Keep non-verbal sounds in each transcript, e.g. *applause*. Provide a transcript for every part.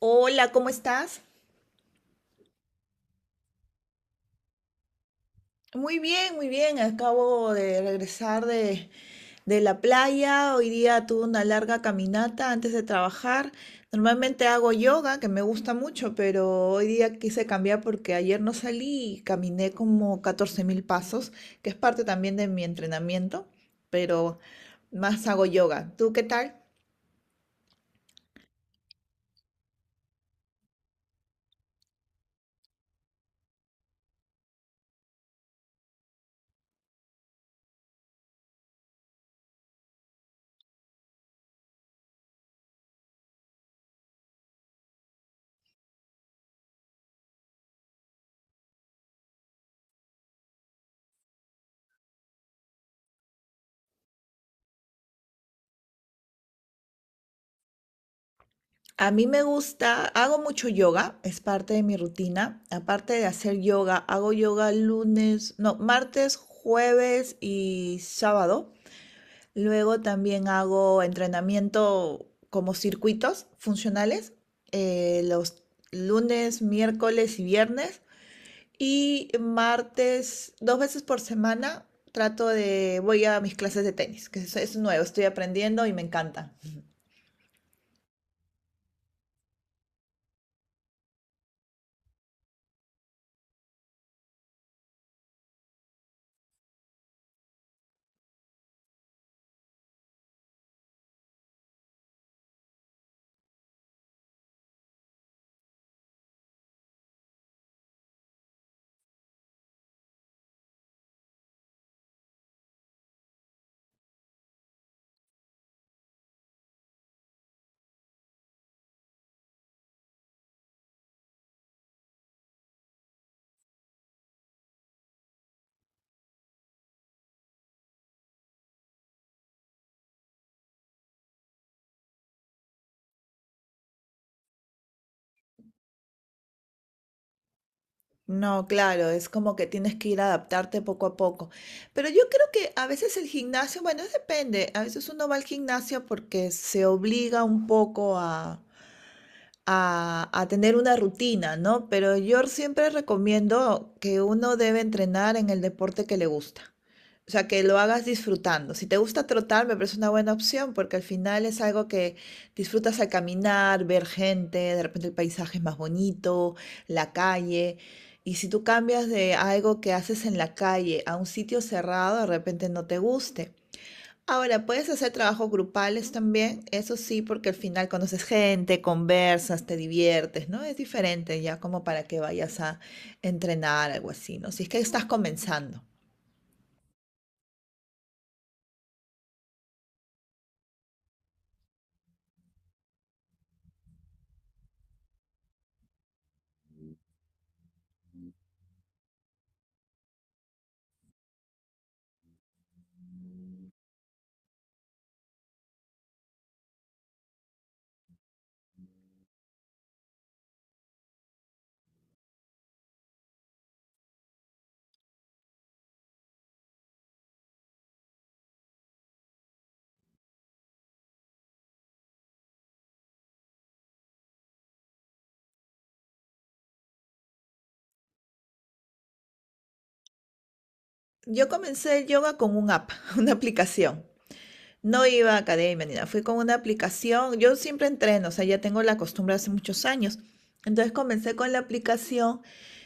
Hola, ¿cómo estás? Muy bien, muy bien. Acabo de regresar de la playa. Hoy día tuve una larga caminata antes de trabajar. Normalmente hago yoga, que me gusta mucho, pero hoy día quise cambiar porque ayer no salí y caminé como 14.000 pasos, que es parte también de mi entrenamiento, pero más hago yoga. ¿Tú qué tal? A mí me gusta, hago mucho yoga, es parte de mi rutina. Aparte de hacer yoga, hago yoga lunes, no, martes, jueves y sábado. Luego también hago entrenamiento como circuitos funcionales, los lunes, miércoles y viernes. Y martes, dos veces por semana, voy a mis clases de tenis, es nuevo, estoy aprendiendo y me encanta. No, claro, es como que tienes que ir a adaptarte poco a poco. Pero yo creo que a veces el gimnasio, bueno, depende, a veces uno va al gimnasio porque se obliga un poco a tener una rutina, ¿no? Pero yo siempre recomiendo que uno debe entrenar en el deporte que le gusta. O sea, que lo hagas disfrutando. Si te gusta trotar, me parece una buena opción porque al final es algo que disfrutas al caminar, ver gente, de repente el paisaje es más bonito, la calle. Y si tú cambias de algo que haces en la calle a un sitio cerrado, de repente no te guste. Ahora, puedes hacer trabajos grupales también, eso sí, porque al final conoces gente, conversas, te diviertes, ¿no? Es diferente ya como para que vayas a entrenar, algo así, ¿no? Si es que estás comenzando. Yo comencé el yoga con un app, *laughs* una aplicación. No iba a academia ni nada, fui con una aplicación. Yo siempre entreno, o sea, ya tengo la costumbre hace muchos años. Entonces comencé con la aplicación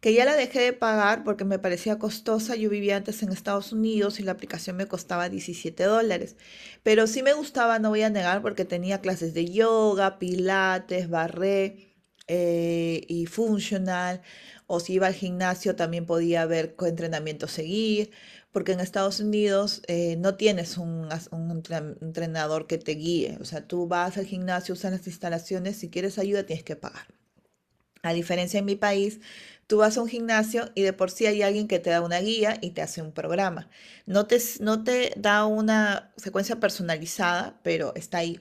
que ya la dejé de pagar porque me parecía costosa. Yo vivía antes en Estados Unidos y la aplicación me costaba 17 dólares. Pero sí me gustaba, no voy a negar, porque tenía clases de yoga, pilates, barré y funcional, o si iba al gimnasio también podía ver qué entrenamiento seguir, porque en Estados Unidos no tienes un, entrenador que te guíe. O sea, tú vas al gimnasio, usas las instalaciones, si quieres ayuda tienes que pagar. A diferencia en mi país, tú vas a un gimnasio y de por sí hay alguien que te da una guía y te hace un programa. No te da una secuencia personalizada, pero está ahí.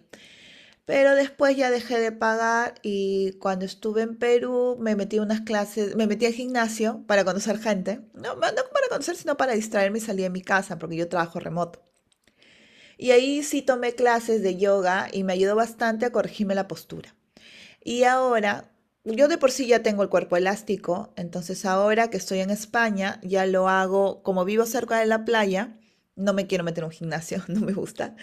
Pero después ya dejé de pagar y cuando estuve en Perú me metí a unas clases, me metí al gimnasio para conocer gente. No para conocer, sino para distraerme y salir de mi casa porque yo trabajo remoto. Y ahí sí tomé clases de yoga y me ayudó bastante a corregirme la postura. Y ahora, yo de por sí ya tengo el cuerpo elástico, entonces ahora que estoy en España ya lo hago, como vivo cerca de la playa, no me quiero meter en un gimnasio, *laughs* no me gusta.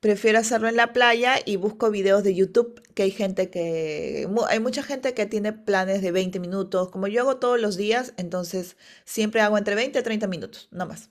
Prefiero hacerlo en la playa y busco videos de YouTube, que hay hay mucha gente que tiene planes de 20 minutos. Como yo hago todos los días, entonces siempre hago entre 20 y 30 minutos, no más.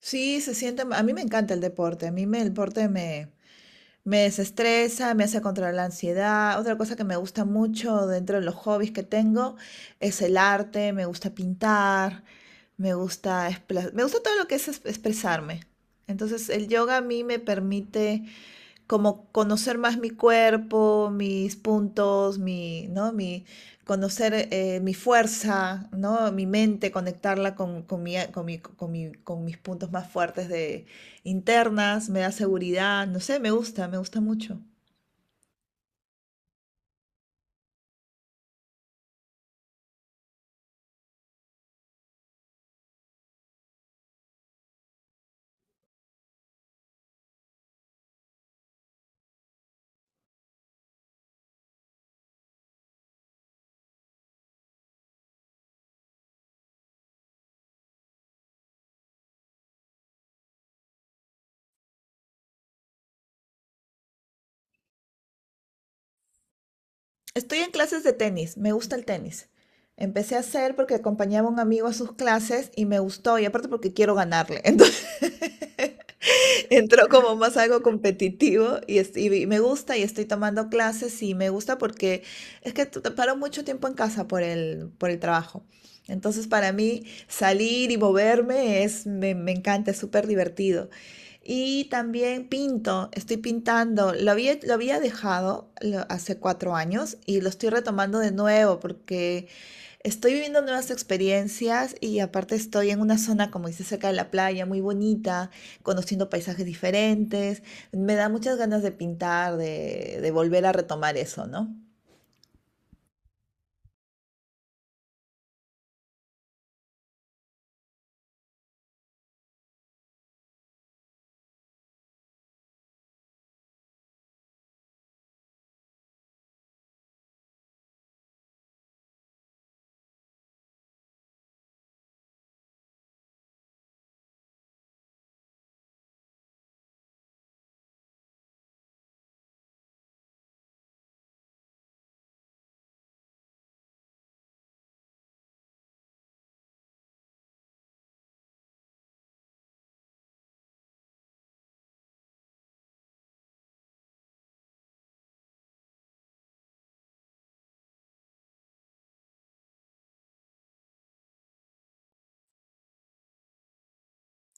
Sí, se siente, a mí me encanta el deporte, me desestresa, me hace controlar la ansiedad. Otra cosa que me gusta mucho dentro de los hobbies que tengo es el arte, me gusta pintar, me gusta todo lo que expresarme. Entonces el yoga a mí me permite como conocer más mi cuerpo, mis puntos, mi, ¿no? Mi, conocer mi fuerza, ¿no? Mi mente, conectarla con mis puntos más fuertes de internas, me da seguridad, no sé, me gusta mucho. Estoy en clases de tenis, me gusta el tenis. Empecé a hacer porque acompañaba a un amigo a sus clases y me gustó, y aparte porque quiero ganarle. Entonces *laughs* entró como más algo competitivo y me gusta y estoy tomando clases y me gusta porque paro mucho tiempo en casa por el trabajo. Entonces para mí salir y moverme me encanta, es súper divertido. Y también pinto, estoy pintando. Lo había dejado hace 4 años y lo estoy retomando de nuevo porque estoy viviendo nuevas experiencias y aparte estoy en una zona, como dice, cerca de la playa, muy bonita, conociendo paisajes diferentes. Me da muchas ganas de pintar, de volver a retomar eso, ¿no?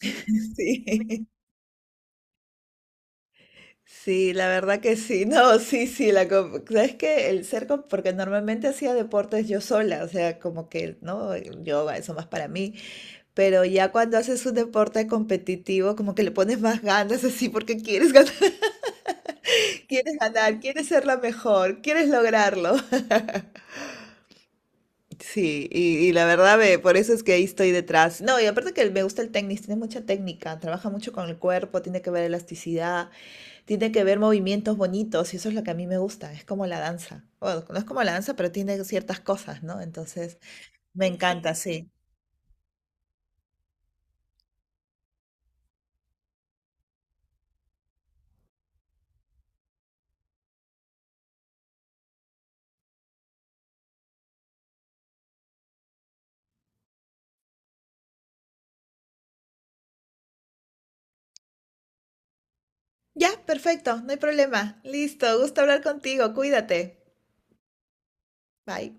*laughs* Sí. Sí, la verdad que sí. No, sí, sí, la com- ¿sabes que porque normalmente hacía deportes yo sola, o sea, como que, ¿no? El Yoga, eso más para mí, pero ya cuando haces un deporte competitivo, como que le pones más ganas así porque quieres ganar, *laughs* quieres ganar, quieres ser la mejor, quieres lograrlo. *laughs* Sí, y la verdad, ve, por eso es que ahí estoy detrás. No, y aparte que me gusta el tenis, tiene mucha técnica, trabaja mucho con el cuerpo, tiene que ver elasticidad. Tiene que ver movimientos bonitos y eso es lo que a mí me gusta, es como la danza. Bueno, no es como la danza, pero tiene ciertas cosas, ¿no? Entonces, me encanta, sí. Ya, perfecto, no hay problema. Listo, gusto hablar contigo, cuídate. Bye.